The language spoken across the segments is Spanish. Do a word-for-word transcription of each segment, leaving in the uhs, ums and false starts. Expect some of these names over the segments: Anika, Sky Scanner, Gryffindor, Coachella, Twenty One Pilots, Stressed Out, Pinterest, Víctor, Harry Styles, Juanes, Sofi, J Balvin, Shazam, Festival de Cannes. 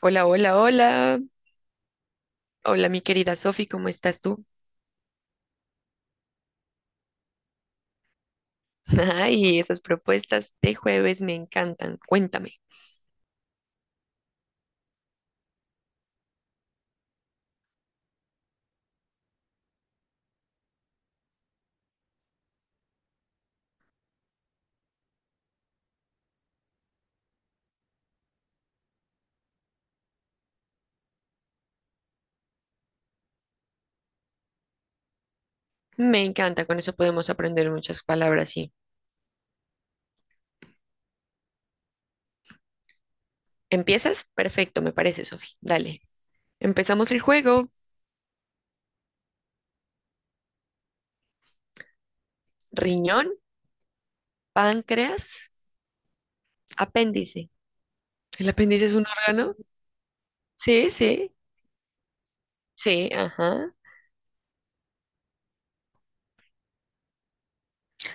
Hola, hola, hola. Hola, mi querida Sofi, ¿cómo estás tú? Ay, esas propuestas de jueves me encantan. Cuéntame. Me encanta, con eso podemos aprender muchas palabras, sí. ¿Empiezas? Perfecto, me parece, Sofi. Dale. Empezamos el juego. Riñón, páncreas, apéndice. ¿El apéndice es un órgano? Sí, sí, sí, ajá.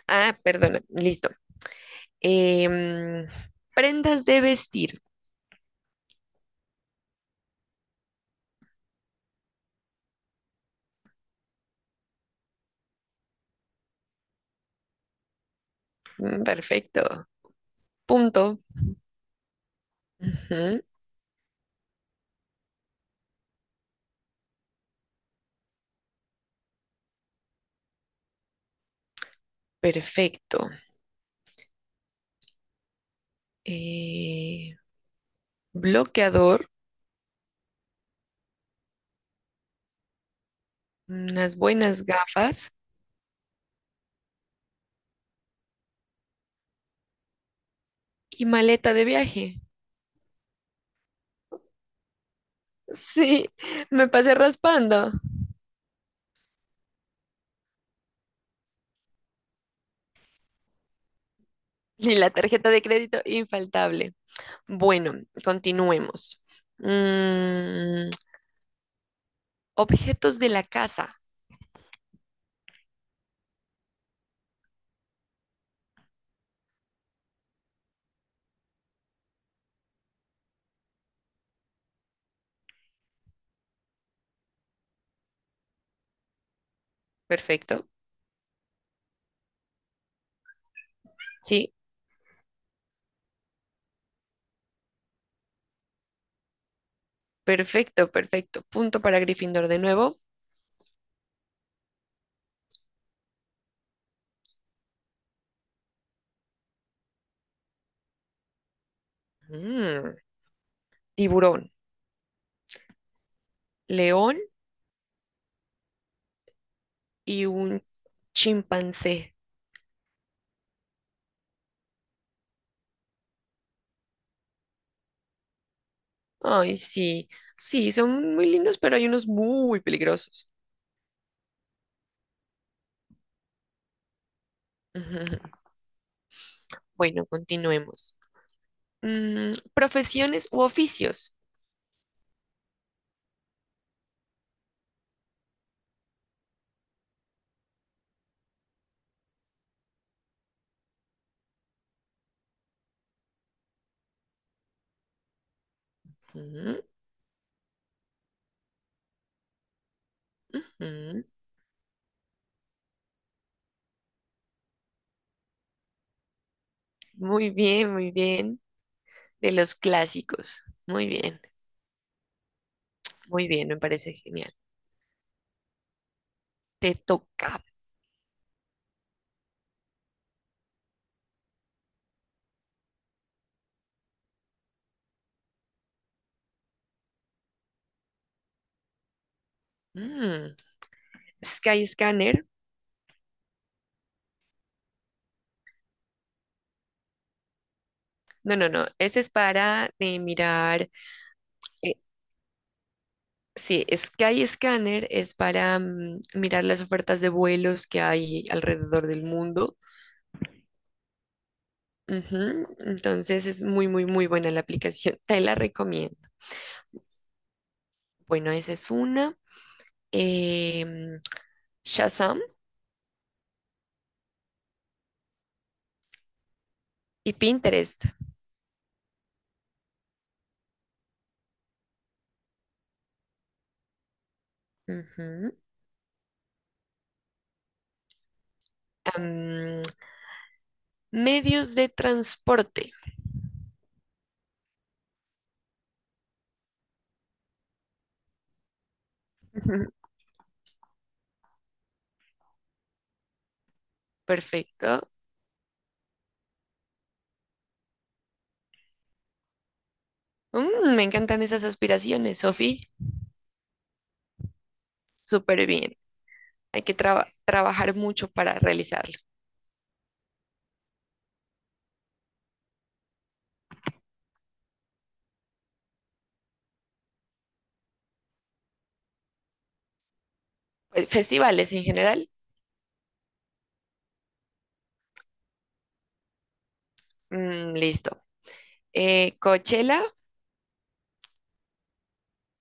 Ah, perdona, listo. Em, Prendas de vestir. Mm, Perfecto. Punto. Ujú. Perfecto. eh, Bloqueador, unas buenas gafas y maleta de viaje. Sí, me pasé raspando. Y la tarjeta de crédito infaltable. Bueno, continuemos. Mm, Objetos de la casa. Perfecto. Sí, perfecto, perfecto. Punto para Gryffindor de nuevo. Mm, Tiburón, león y un chimpancé. Ay, sí, sí, son muy lindos, pero hay unos muy peligrosos. Ujú. Bueno, continuemos. Mm, profesiones u oficios. Ujú, ujú. Muy bien, muy bien. De los clásicos. Muy bien, muy bien, me parece genial. Te toca. Mm, Sky Scanner. No, no, no. Ese es para eh, mirar. eh, sí, Sky Scanner es para mm, mirar las ofertas de vuelos que hay alrededor del mundo. Ujú. Entonces es muy, muy, muy buena la aplicación. Te la recomiendo. Bueno, esa es una. Em, Shazam y Pinterest. Ujú. Am, Medios de transporte. Ujú. Perfecto. Mm, me encantan esas aspiraciones, Sofi. Súper bien. Hay que traba- trabajar mucho para realizarlo. Eh, Festivales en general. Mm, listo. Eh, Coachella,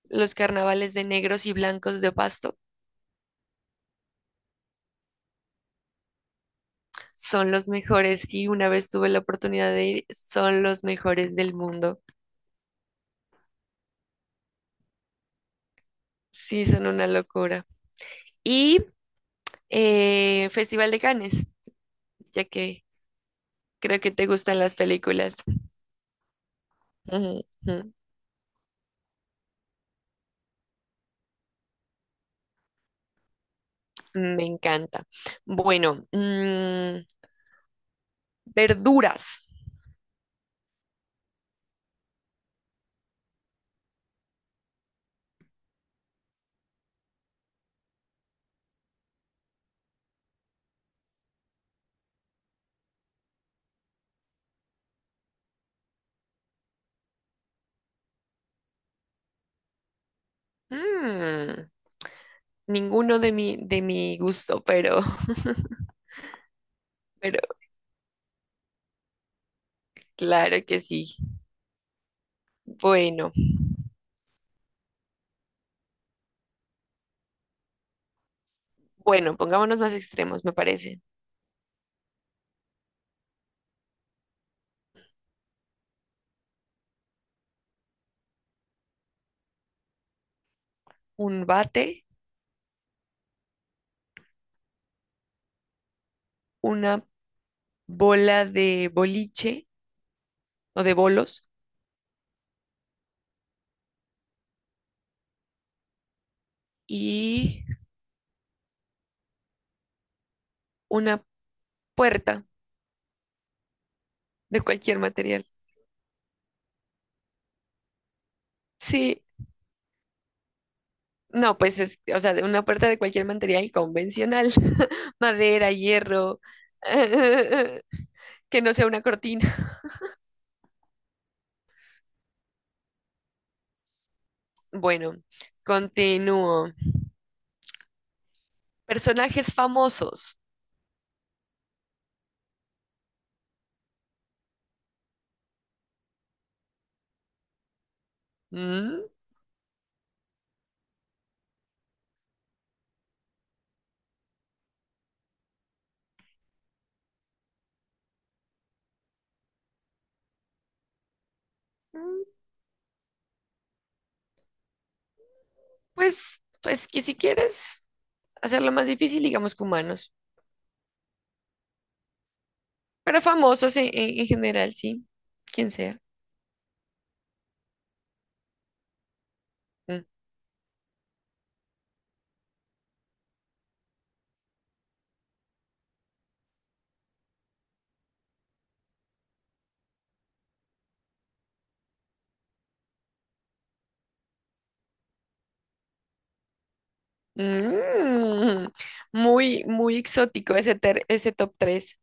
los carnavales de negros y blancos de Pasto son los mejores. Sí, una vez tuve la oportunidad de ir, son los mejores del mundo. Sí, son una locura. Y eh, Festival de Cannes, ya que creo que te gustan las películas. Ujú, ujú. Me encanta. Bueno, mm, verduras. Mm, ninguno de mi, de mi gusto, pero, pero claro que sí. Bueno, bueno, pongámonos más extremos, me parece. Un bate, una bola de boliche o de bolos y una puerta de cualquier material. Sí. No, pues es, o sea, de una puerta de cualquier material convencional, madera, hierro, que no sea una cortina. Bueno, continúo. Personajes famosos. Mm, mm, pues, pues que si quieres hacerlo más difícil, digamos que humanos, pero famosos en, en- en general, sí, quien sea. Mm. Mm, muy, muy exótico ese, ter- ese top tres.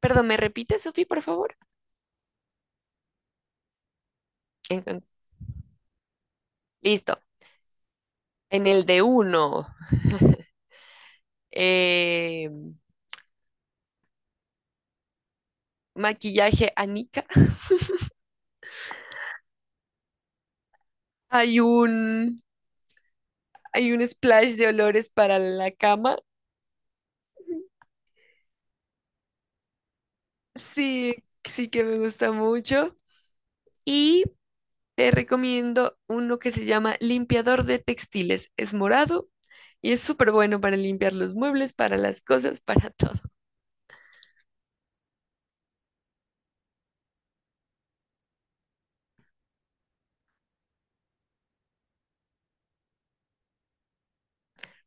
Perdón, ¿me repites, Sofi, por favor? Entonces, listo. En el de uno, eh, maquillaje Anika. Hay un, Hay un splash de olores para la cama. Sí, sí que me gusta mucho. Y te recomiendo uno que se llama limpiador de textiles. Es morado y es súper bueno para limpiar los muebles, para las cosas, para todo.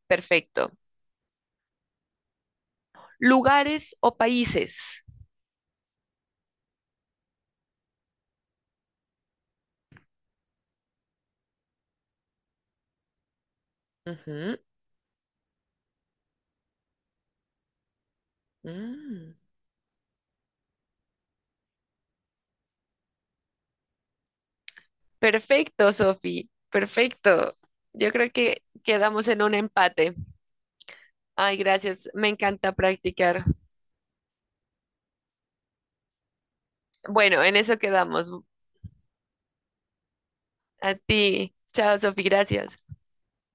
Perfecto. Lugares o países. Ujú, mm. Perfecto, Sofi, perfecto. Yo creo que quedamos en un empate. Ay, gracias, me encanta practicar. Bueno, en eso quedamos. A ti. Chao, Sofi, gracias.